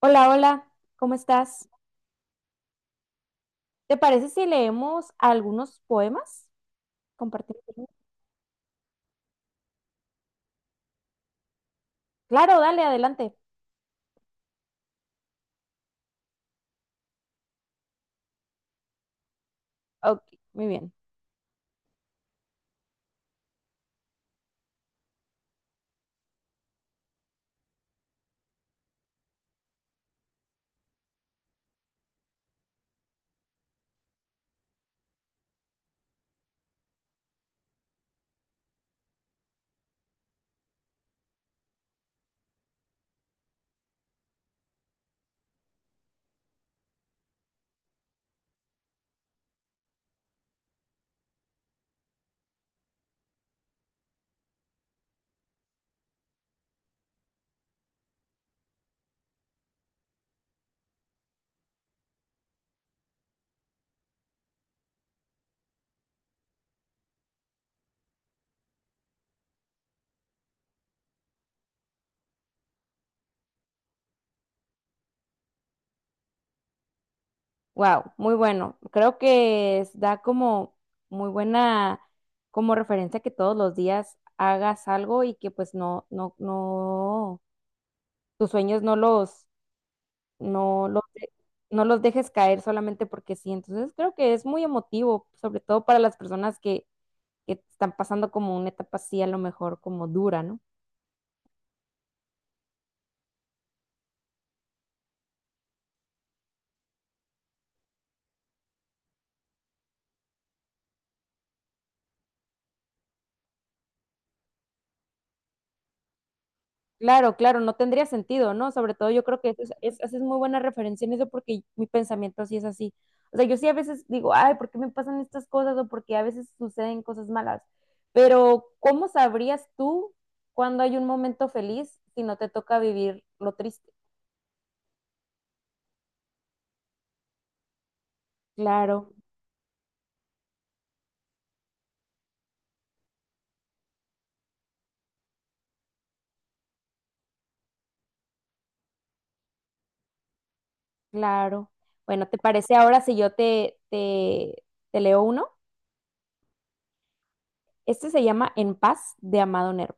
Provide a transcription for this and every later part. Hola, hola, ¿cómo estás? ¿Te parece si leemos algunos poemas? Compartimos. Claro, dale, adelante. Ok, muy bien. Wow, muy bueno. Creo que da como muy buena como referencia que todos los días hagas algo y que pues no, tus sueños no los, no los dejes caer solamente porque sí. Entonces creo que es muy emotivo, sobre todo para las personas que están pasando como una etapa así a lo mejor como dura, ¿no? Claro, claro, no tendría sentido, ¿no? Sobre todo yo creo que eso haces muy buena referencia en eso porque mi pensamiento sí es así. O sea, yo sí a veces digo, ay, ¿por qué me pasan estas cosas? O porque a veces suceden cosas malas. Pero, ¿cómo sabrías tú cuando hay un momento feliz si no te toca vivir lo triste? Claro, claro. Bueno, ¿te parece ahora si yo te leo uno? Este se llama En paz, de Amado Nervo.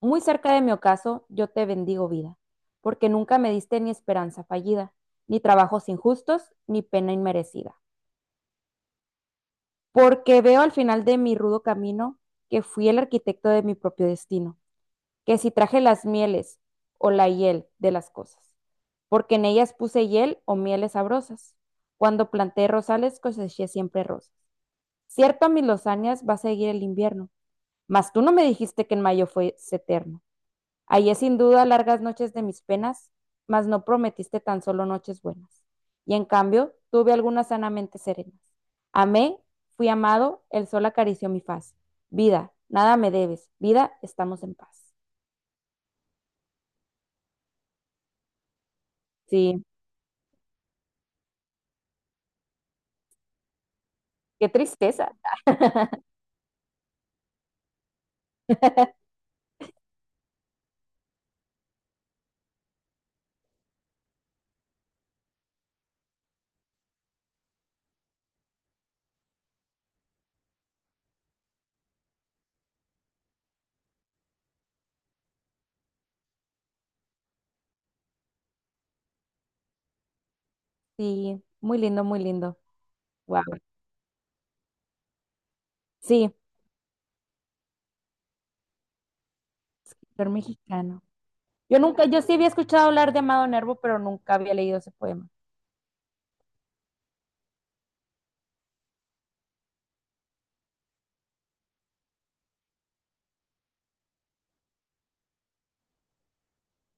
Muy cerca de mi ocaso, yo te bendigo, vida, porque nunca me diste ni esperanza fallida, ni trabajos injustos, ni pena inmerecida. Porque veo al final de mi rudo camino que fui el arquitecto de mi propio destino, que si traje las mieles o la hiel de las cosas, porque en ellas puse hiel o mieles sabrosas. Cuando planté rosales coseché siempre rosas. Cierto a mis lozanías va a seguir el invierno, mas tú no me dijiste que en mayo fuese eterno. Ahí es sin duda largas noches de mis penas, mas no prometiste tan solo noches buenas. Y en cambio, tuve algunas sanamente serenas. Amé, fui amado, el sol acarició mi faz. Vida, nada me debes. Vida, estamos en paz. Sí. Qué tristeza. Sí, muy lindo, muy lindo. Wow. Sí, escritor mexicano. Yo nunca, yo sí había escuchado hablar de Amado Nervo, pero nunca había leído ese poema.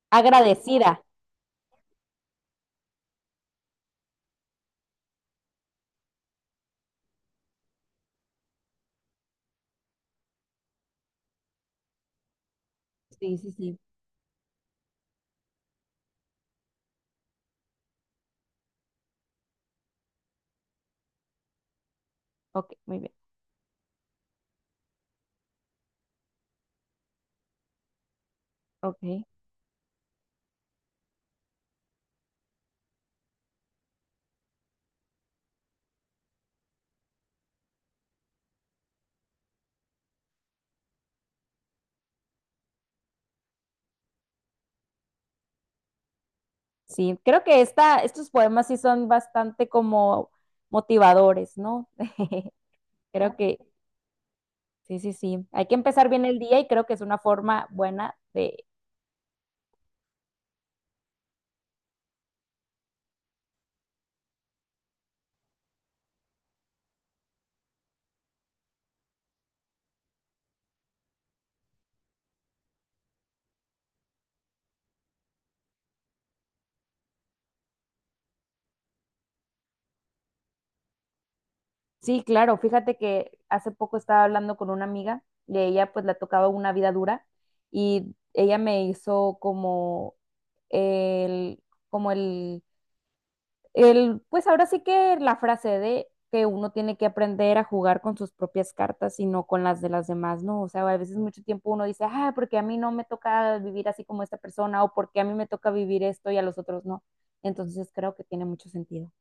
Agradecida. Sí, sí, sí. Ok, muy bien. Ok. Sí, creo que estos poemas sí son bastante como motivadores, ¿no? Creo que sí, sí, sí. Hay que empezar bien el día y creo que es una forma buena de... Sí, claro, fíjate que hace poco estaba hablando con una amiga y a ella pues la tocaba una vida dura y ella me hizo como el, como el El, pues ahora sí que la frase de que uno tiene que aprender a jugar con sus propias cartas y no con las de las demás, ¿no? O sea, a veces mucho tiempo uno dice, ah, porque a mí no me toca vivir así como esta persona o porque a mí me toca vivir esto y a los otros no. Entonces creo que tiene mucho sentido.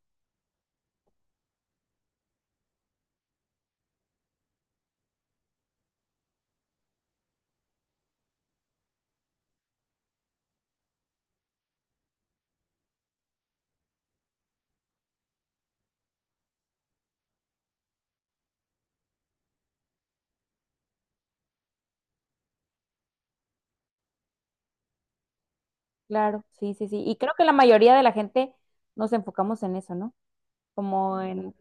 Claro, sí, sí, sí. Y creo que la mayoría de la gente nos enfocamos en eso, ¿no? Como en...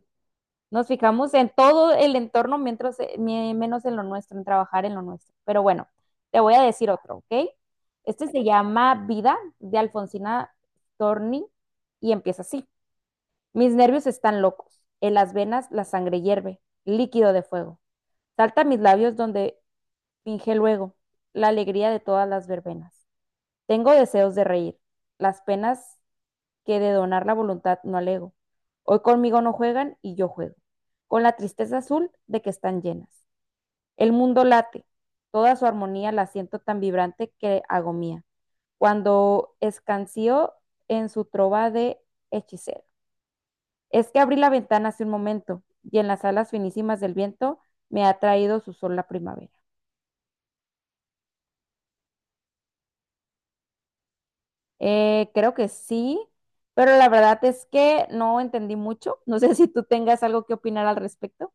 Nos fijamos en todo el entorno, mientras, menos en lo nuestro, en trabajar en lo nuestro. Pero bueno, te voy a decir otro, ¿ok? Este se llama Vida, de Alfonsina Storni, y empieza así. Mis nervios están locos. En las venas la sangre hierve, líquido de fuego. Salta a mis labios donde finge luego la alegría de todas las verbenas. Tengo deseos de reír. Las penas que de donar la voluntad no alego. Hoy conmigo no juegan y yo juego, con la tristeza azul de que están llenas. El mundo late, toda su armonía la siento tan vibrante que hago mía, cuando escanció en su trova de hechicero. Es que abrí la ventana hace un momento y en las alas finísimas del viento me ha traído su sol la primavera. Creo que sí, pero la verdad es que no entendí mucho. No sé si tú tengas algo que opinar al respecto.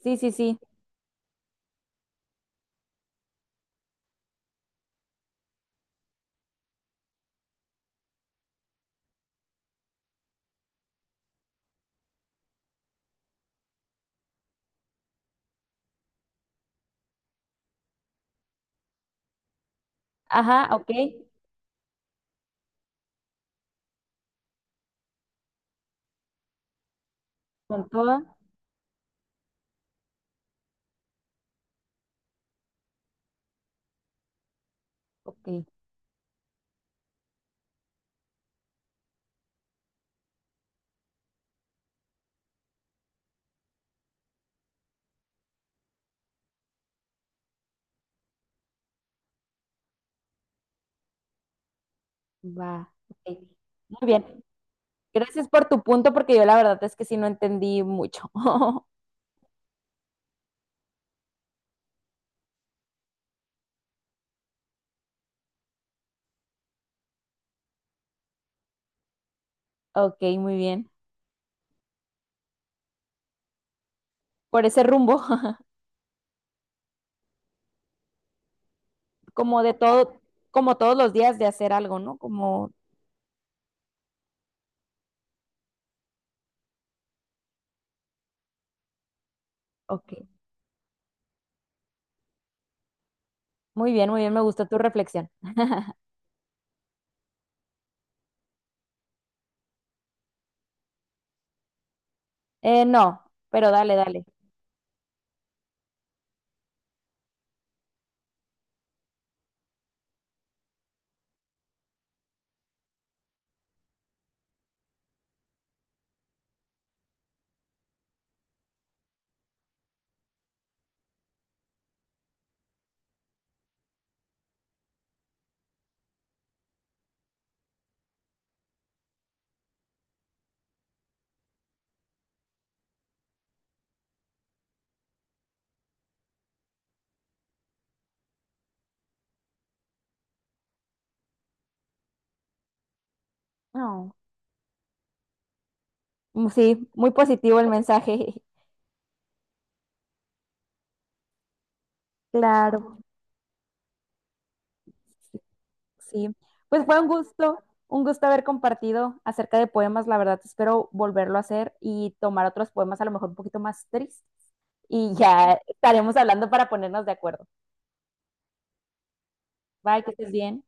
Sí, sí, sí. Ajá, ok, con toda, ok, va, ok. Muy bien, gracias por tu punto porque yo la verdad es que sí no entendí mucho. Ok, muy bien, por ese rumbo. Como de todo, como todos los días de hacer algo, ¿no? Como, ok, muy bien, me gustó tu reflexión. No, pero dale, dale. No. Mm, sí, muy positivo el mensaje. Claro. Sí, pues fue un gusto haber compartido acerca de poemas. La verdad, espero volverlo a hacer y tomar otros poemas a lo mejor un poquito más tristes. Y ya estaremos hablando para ponernos de acuerdo. Bye, que estés bien.